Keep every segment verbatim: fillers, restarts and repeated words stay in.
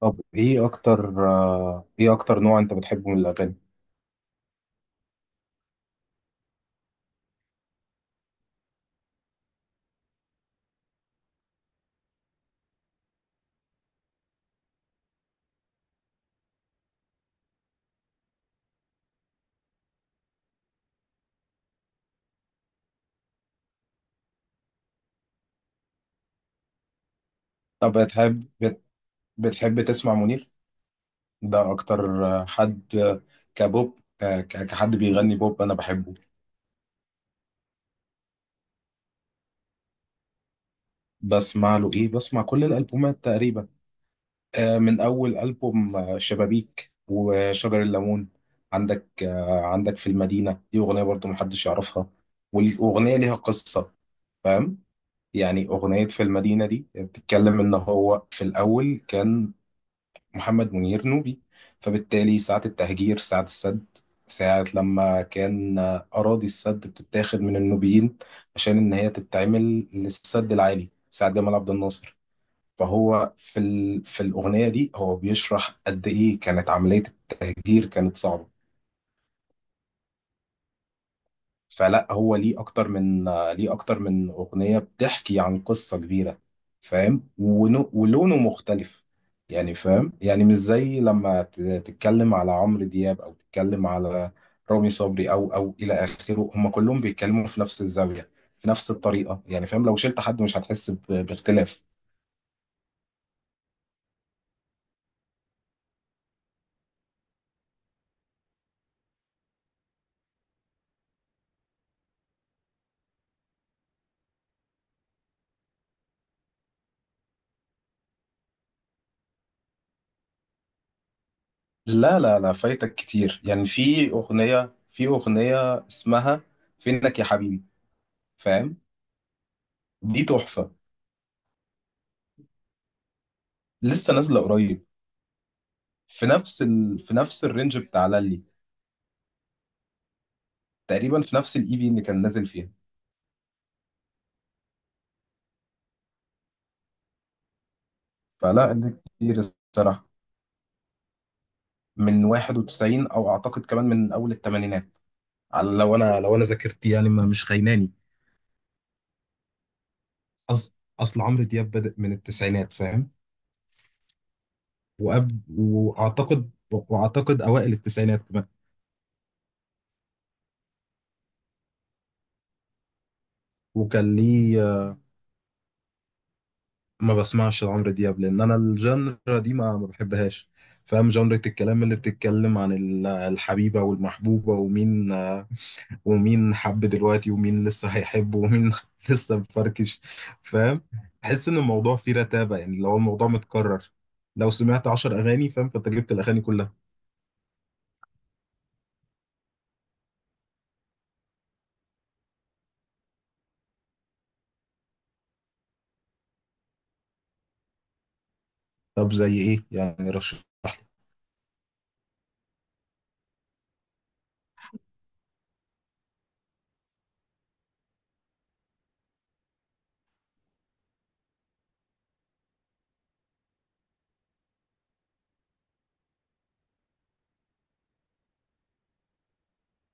طب، ايه اكتر آه، ايه اكتر نوع انت بتحبه من الاغاني؟ طب بتحب بت- بتحب تسمع منير؟ ده اكتر آه، حد، آه، كبوب. آه، ك- كحد بيغني بوب انا بحبه. بسمع له ايه؟ بسمع كل الالبومات تقريبا، آه، من اول البوم آه، شبابيك وشجر الليمون. عندك آه، عندك في المدينة دي اغنية برضو محدش يعرفها، والاغنية ليها قصة، فاهم؟ يعني أغنية في المدينة دي بتتكلم إن هو في الأول كان محمد منير نوبي، فبالتالي ساعة التهجير، ساعة السد، ساعة لما كان أراضي السد بتتاخد من النوبيين عشان إن هي تتعمل للسد العالي، ساعة جمال عبد الناصر. فهو في ال... في الأغنية دي هو بيشرح قد إيه كانت عملية التهجير، كانت صعبة. فلا، هو ليه اكتر من آه، ليه اكتر من اغنيه بتحكي عن قصه كبيره، فاهم؟ ونو- ولونه مختلف، يعني فاهم؟ يعني مش زي لما ت- تتكلم على عمرو دياب او تتكلم على رامي صبري او او الى اخره، هم كلهم بيتكلموا في نفس الزاويه، في نفس الطريقه، يعني فاهم، لو شلت حد مش هتحس ب- باختلاف. لا لا لا، فايتك كتير. يعني في اغنيه في اغنيه اسمها فينك يا حبيبي، فاهم؟ دي تحفه، لسه نازله قريب. في نفس ال... في نفس الرينج بتاع لالي، تقريبا في نفس الاي بي اللي كان نازل فيها. فلا، ده كتير الصراحه. من واحد وتسعين او اعتقد كمان من اول الثمانينات، على لو انا لو انا ذاكرتي يعني ما مش خيناني. أص... اصل عمرو دياب بدأ من التسعينات، فاهم؟ وأب... واعتقد واعتقد اوائل التسعينات كمان. وكان ليه ما بسمعش عمرو دياب، لان انا الجنرا دي ما ما بحبهاش، فاهم؟ جنرة الكلام اللي بتتكلم عن ال- الحبيبة والمحبوبة، ومين ومين حب دلوقتي، ومين لسه هيحب، ومين لسه مفركش، فاهم؟ بحس ان الموضوع فيه رتابة، يعني لو الموضوع متكرر، لو سمعت عشر اغاني، فاهم، فانت جبت الاغاني كلها. طب زي ايه يعني؟ رشح لي.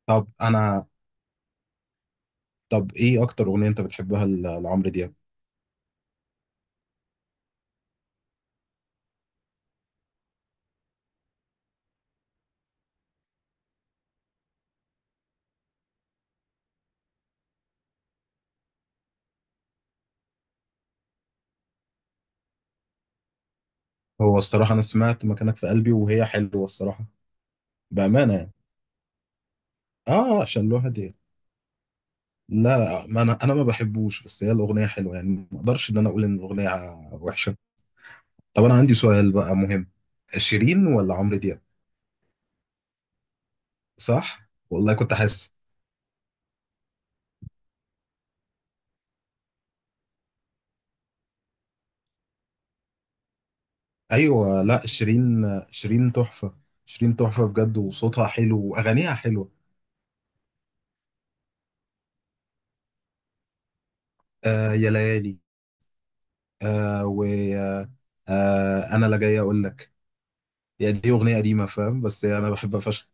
طب انا طب ايه اكتر اغنية انت بتحبها ل- لعمرو دياب؟ هو الصراحة انا سمعت مكانك في قلبي، وهي حلوة الصراحة، بأمانة يعني. اه، عشان الواحد يعني. لا لا، ما انا انا ما بحبوش، بس هي الاغنية حلوة، يعني ما اقدرش ان انا اقول ان الاغنية وحشة. طب انا عندي سؤال بقى مهم، شيرين ولا عمرو دياب؟ صح والله، كنت حاسس. ايوه، لا شيرين. شيرين تحفه، شيرين تحفه بجد، وصوتها حلو واغانيها حلوه. آه يا ليالي، آه و آه آه، انا لا جاي اقول لك، يعني دي اغنيه قديمه، فاهم، بس انا بحبها فشخ،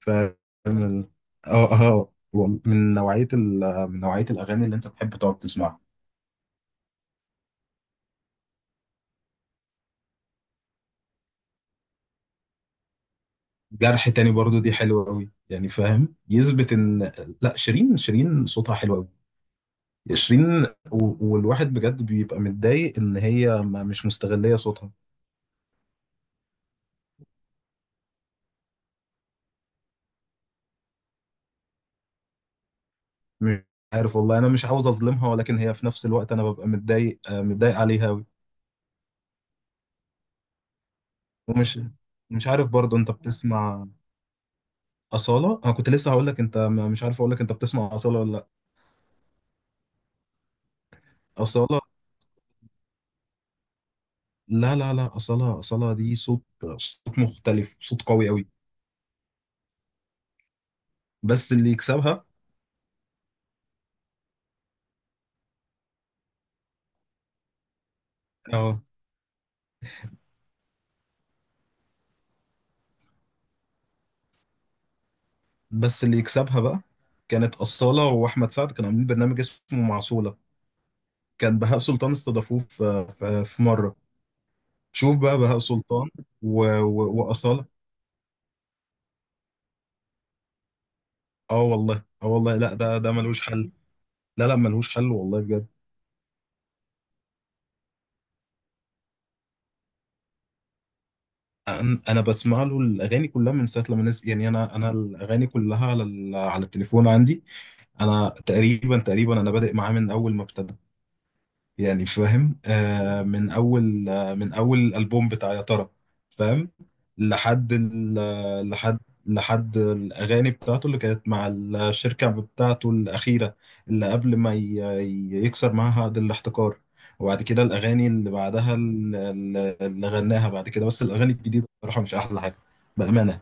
فاهم؟ ال- اه اه وال- من نوعيه ال- من نوعيه الاغاني اللي انت تحب تقعد تسمعها. جرح تاني برضو دي حلوه قوي يعني، فاهم، يثبت ان لا، شيرين، شيرين صوتها حلو قوي. شيرين و- والواحد بجد بيبقى متضايق ان هي ما- مش مستغلية صوتها. مش عارف والله، انا مش عاوز اظلمها، ولكن هي في نفس الوقت انا ببقى متضايق، آه، متضايق عليها أوي. ومش مش عارف برضه، انت بتسمع أصالة؟ انا كنت لسه هقول لك، انت ما- مش عارف اقول لك انت بتسمع أصالة ولا لا. أصالة! لا لا لا، أصالة، أصالة دي صوت، صوت مختلف، صوت قوي قوي. بس اللي يكسبها اه بس اللي يكسبها بقى، كانت أصالة وأحمد سعد كانوا عاملين برنامج اسمه معسولة، كان بهاء سلطان استضافوه في في في مره. شوف بقى، بهاء سلطان و... و... واصاله. اه والله، اه والله، لا، ده ده ملوش حل. لا لا، ملوش حل والله بجد. انا أنا بسمع له الاغاني كلها من ساعه لما نزل، يعني انا، انا الاغاني كلها على ال... على التليفون عندي. انا تقريبا تقريبا انا بادئ معاه من اول ما ابتدى، يعني فاهم، آه من اول آه من اول الالبوم بتاع يا ترى، فاهم؟ لحد ال- لحد لحد الاغاني بتاعته اللي كانت مع الشركه بتاعته الاخيره، اللي قبل ما ي- ي- يكسر معاها عقد الاحتكار. وبعد كده، الاغاني اللي بعدها، ال- ال- اللي غناها بعد كده، بس الاغاني الجديده بصراحه مش احلى حاجه بامانه.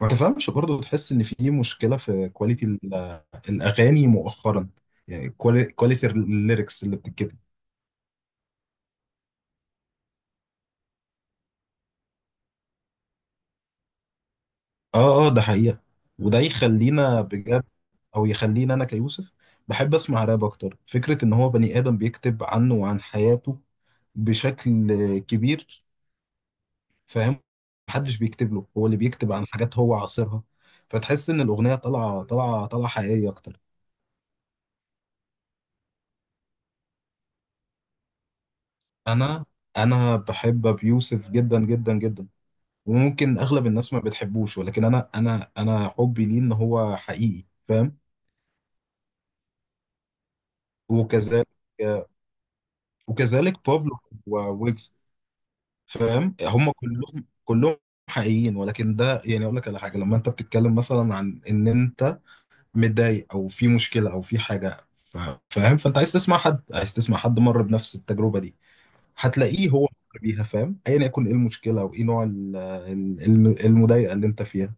ما تفهمش برضه، تحس ان في مشكله في كواليتي ال- الاغاني مؤخرا، يعني كواليتي الليركس اللي بتتكتب. اه اه، ده حقيقة. وده يخلينا بجد، او يخليني انا كيوسف، بحب اسمع راب اكتر، فكرة ان هو بني ادم بيكتب عنه وعن حياته بشكل كبير، فاهم؟ محدش بيكتب له، هو اللي بيكتب عن حاجات هو عاصرها، فتحس ان الاغنية طالعة، طالعة طالعة حقيقية اكتر. انا انا بحب ابي يوسف جدا جدا جدا. وممكن اغلب الناس ما بتحبوش، ولكن انا انا انا حبي ليه ان هو حقيقي، فاهم؟ وكذلك، وكذلك بابلو وويجز، فاهم؟ هم كلهم، كلهم حقيقيين. ولكن ده يعني اقول لك على حاجه، لما انت بتتكلم مثلا عن ان انت متضايق او في مشكله او في حاجه، ف- فاهم، فانت عايز تسمع حد، عايز تسمع حد مر بنفس التجربه دي، هتلاقيه هو مر بيها، فاهم، ايا يكن ايه المشكله، وايه نوع ال- ال- الم- المضايقه اللي انت فيها.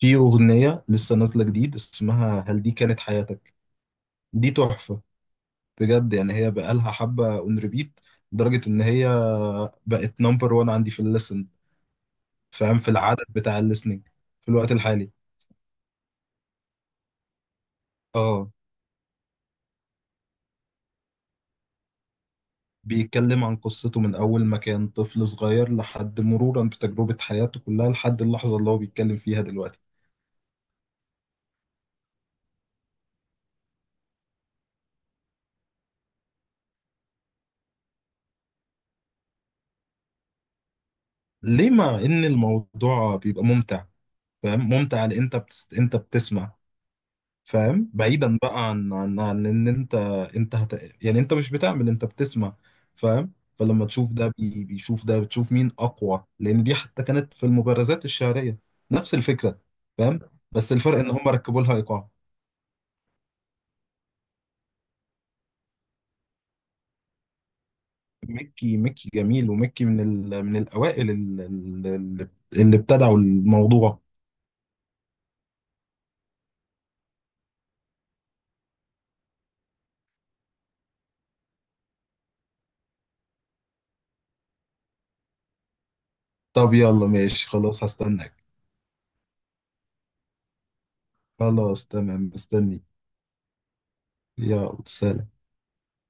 في اغنيه لسه نازله جديد اسمها هل دي كانت حياتك، دي تحفه بجد. يعني هي بقالها حبه اون ريبيت، لدرجه ان هي بقت نمبر وان عندي في الليسن، فاهم، في العدد بتاع الليسننج في الوقت الحالي. اه. بيتكلم عن قصته من اول ما كان طفل صغير، لحد مرورا بتجربة حياته كلها، لحد اللحظة اللي هو بيتكلم فيها دلوقتي. ليه مع ان الموضوع بيبقى ممتع، فاهم؟ ممتع لان انت بتس... انت بتسمع، فاهم؟ بعيدا بقى عن عن عن ان انت انت هت... يعني انت مش بتعمل، انت بتسمع، فاهم. فلما تشوف ده، بي... بيشوف ده، بتشوف مين اقوى، لان دي حتى كانت في المبارزات الشعريه نفس الفكره، فاهم. بس الفرق ان هم ركبوا لها ايقاع. ميكي ميكي جميل، وميكي من ال... من الاوائل ال- ال- ال- اللي ابتدعوا الموضوع. طب يلا ماشي، خلاص، هستناك. خلاص تمام، مستني. يلا سلام.